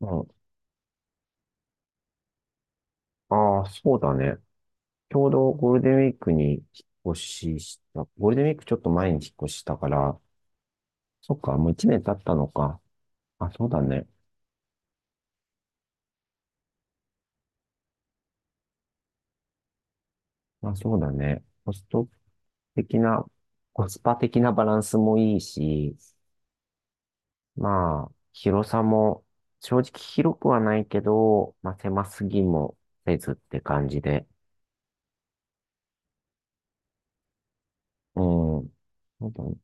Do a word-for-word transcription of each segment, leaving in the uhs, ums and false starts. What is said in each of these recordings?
うん、ああ、そうだね。ちょうどゴールデンウィークに引っ越しした。ゴールデンウィークちょっと前に引っ越したから、そっか、もう一年経ったのか。あ、そうだね。あ、そうだね。コスト的な、コスパ的なバランスもいいし、まあ、広さも、正直広くはないけど、まあ、狭すぎもせずって感じで。うん。そうだね。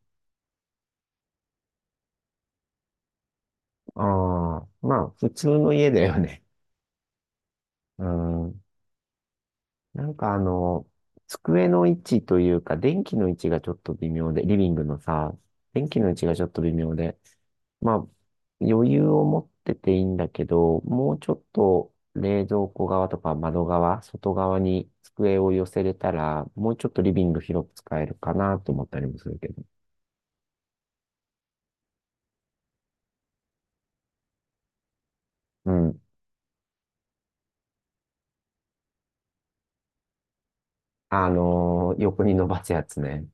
ああ、まあ、普通の家だよね。うん。なんかあの、机の位置というか、電気の位置がちょっと微妙で、リビングのさ、電気の位置がちょっと微妙で、まあ、余裕を持ってていいんだけど、もうちょっと冷蔵庫側とか窓側、外側に机を寄せれたら、もうちょっとリビング広く使えるかなと思ったりもするけど。うん。あのー横に伸ばすやつね。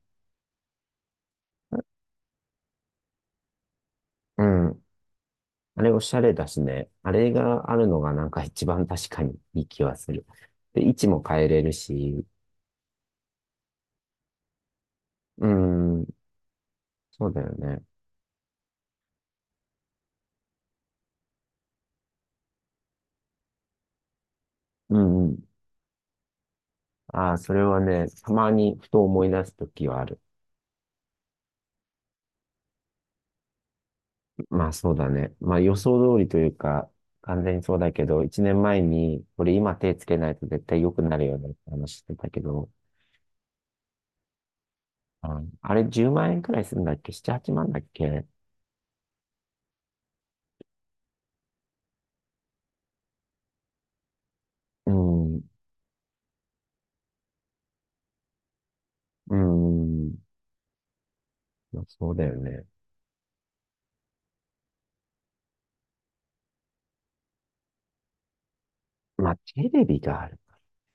うん。あれおしゃれだしね。あれがあるのがなんか一番確かにいい気はする。で、位置も変えれるし、うん、そうだよね。うんうん。ああ、それはね、たまにふと思い出すときはある。まあそうだね。まあ予想通りというか、完全にそうだけど、一年前に、これ今手つけないと絶対良くなるよねって話してたけど、ああれじゅうまん円くらいするんだっけ？ なな、はちまんだっけ。うん、うん、まあそうだよね。まあテレビがある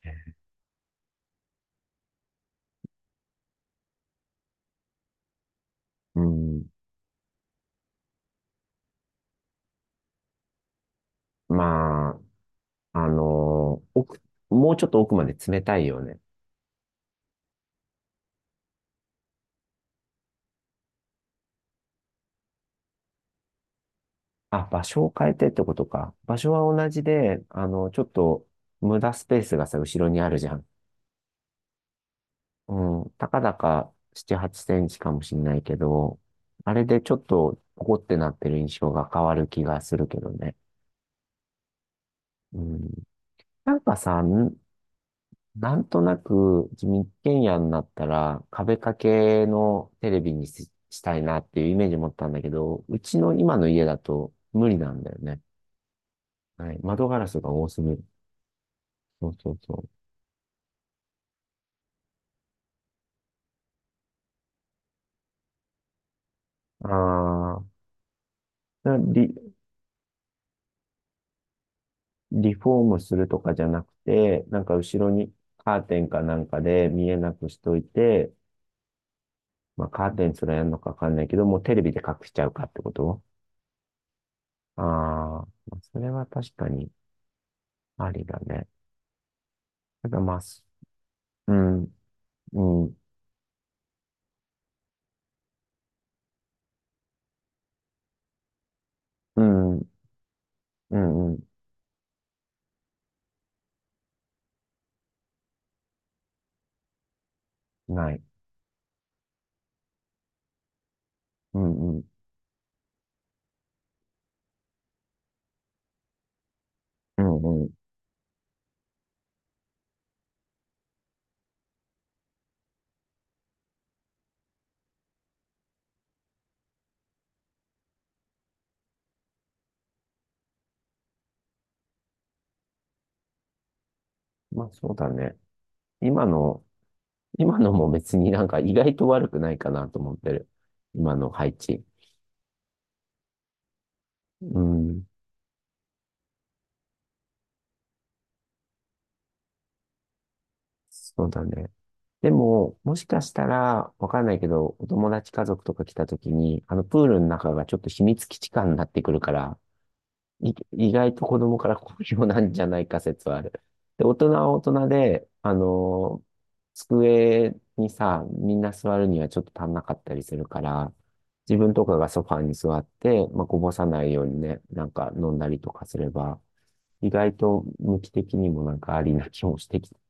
ね。うん、まあ、あのー奥、もうちょっと奥まで詰めたいよね。あ、場所を変えてってことか。場所は同じで、あの、ちょっと無駄スペースがさ、後ろにあるじゃん。うん、たかだかなな、はっセンチかもしんないけど、あれでちょっとポコってなってる印象が変わる気がするけどね。うん、なんかさ、んなんとなく自民権野になったら壁掛けのテレビにし、したいなっていうイメージ持ったんだけど、うちの今の家だと無理なんだよね。はい、窓ガラスが多すぎる。そうそうそう。ああ、なリ、リフォームするとかじゃなくて、なんか後ろにカーテンかなんかで見えなくしといて、まあカーテンすらやるのかわかんないけど、もうテレビで隠しちゃうかってこと。ああ、まあそれは確かにありだね。ただまあ、すうん、うん、うん、うん、うん、ない。うん、うん、うん、うん。まあそうだね。今の、今のも別になんか意外と悪くないかなと思ってる。今の配置。うん、そうだね。でも、もしかしたら、わかんないけど、お友達家族とか来た時に、あのプールの中がちょっと秘密基地感になってくるから、い意外と子供から好評なんじゃないか説はある。で、大人は大人で、あの机にさ、みんな座るにはちょっと足んなかったりするから、自分とかがソファーに座って、まあ、こぼさないようにね、なんか飲んだりとかすれば、意外と無機的にもなんかありな気もしてきて、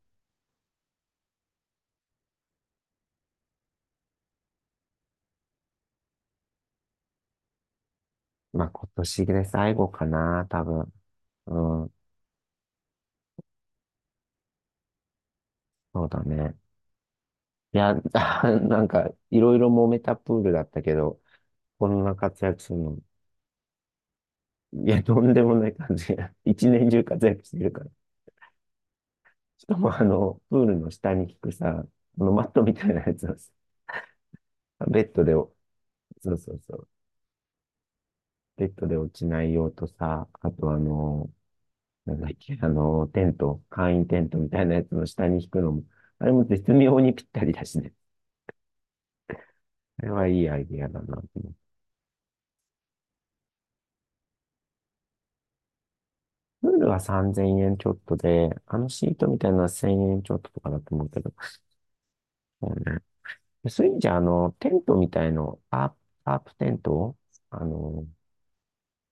まあ今年で最後かな、多分。うん、そうだね。いや、なんか、いろいろ揉めたプールだったけど、こんな活躍するの、いや、とんでもない感じが、一年中活躍してるから。しかも、あの、プールの下に効くさ、あのマットみたいなやつをさ、ベッドでお、そうそうそう、ベッドで落ちない用とさ、あとあの、なんだっけ、あの、テント、簡易テントみたいなやつの下に引くのも、あれも絶妙にぴったりだしね。あれはいいアイディアだなと思って。プールはさんぜんえんちょっとで、あのシートみたいなのはせんえんちょっととかだと思うけど。そうね。でそういう意味じゃ、あの、テントみたいの、パープ、パープテントあの、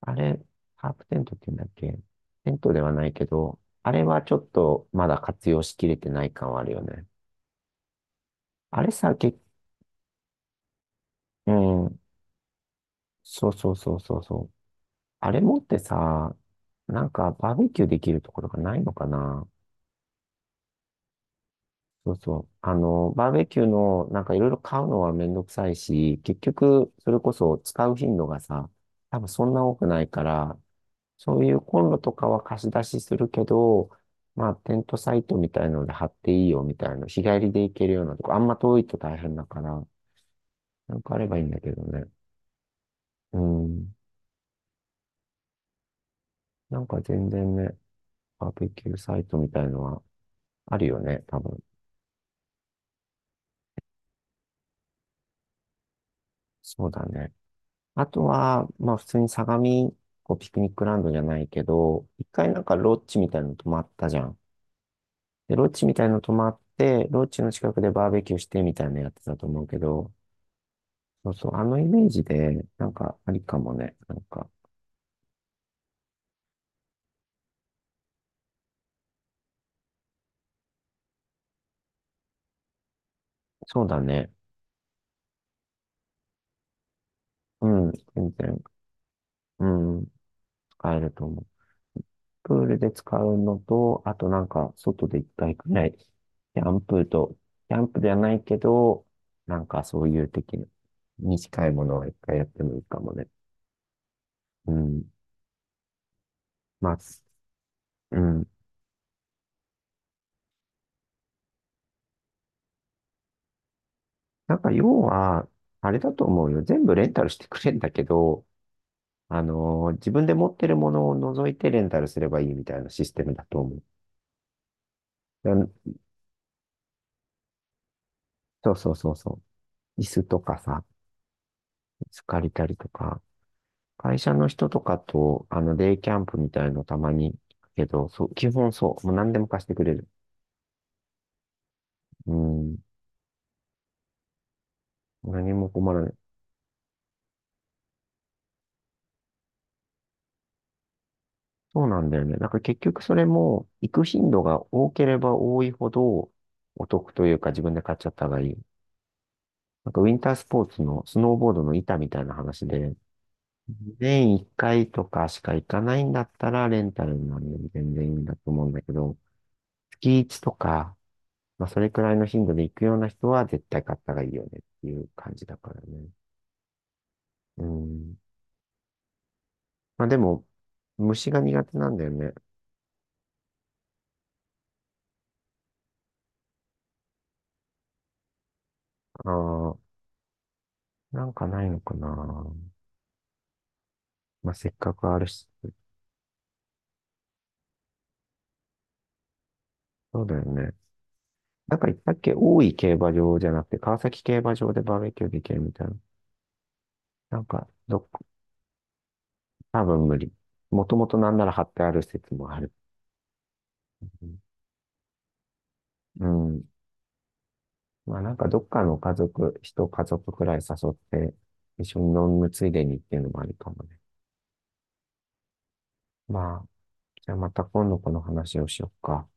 あれ、パープテントって言うんだっけ。テントではないけど、あれはちょっとまだ活用しきれてない感はあるよね。あれさ、け、うん、そうそうそうそうそう。あれ持ってさ、なんかバーベキューできるところがないのかな？そうそう。あの、バーベキューの、なんかいろいろ買うのはめんどくさいし、結局、それこそ使う頻度がさ、多分そんな多くないから、そういうコンロとかは貸し出しするけど、まあ、テントサイトみたいので貼っていいよみたいな、日帰りで行けるようなとこ、あんま遠いと大変だから、なんかあればいいんだけどね。うん。なんか全然ね、バーベキューサイトみたいのはあるよね、多分。そうだね。あとは、まあ普通に相模、こうピクニックランドじゃないけど、一回なんかロッジみたいなの泊まったじゃん。で、ロッジみたいなの泊まって、ロッジの近くでバーベキューしてみたいなのやってたと思うけど、そうそう、あのイメージで、なんかありかもね。なんか、そうだね。うん、全然、うん、使えると思う。プールで使うのと、あとなんか、外で一回くらい、キャンプと、キャンプではないけど、なんかそういう的な短いものは一回やってもいいかもね。うん。まあ、うん。なんか要は、あれだと思うよ。全部レンタルしてくれんだけど、あのー自分で持ってるものを除いてレンタルすればいいみたいなシステムだと思う。だそうそうそうそう。椅子とかさ、椅子借りたりとか、会社の人とかと、あの、デイキャンプみたいのたまに、けど、そう、基本そう。もう何でも貸してくれる。うん。何も困らない。そうなんだよね。なんか結局それも、行く頻度が多ければ多いほど、お得というか自分で買っちゃった方がいい。なんかウィンタースポーツのスノーボードの板みたいな話で、年いっかいとかしか行かないんだったらレンタルになるより全然いいんだと思うんだけど、月いちとか、まあそれくらいの頻度で行くような人は絶対買った方がいいよねっていう感じだからね。うん。まあでも、虫が苦手なんだよね。ああ、なんかないのかな。まあせっかくあるし、そうだよね。なんか言ったっけ大井競馬場じゃなくて、川崎競馬場でバーベキューできるみたいな。なんか、どっ、多分無理。もともとなんなら貼ってある説もある。うん。まあなんかどっかの家族、一家族くらい誘って、一緒に飲むついでにっていうのもありかもね。まあ、じゃあまた今度この話をしよっか。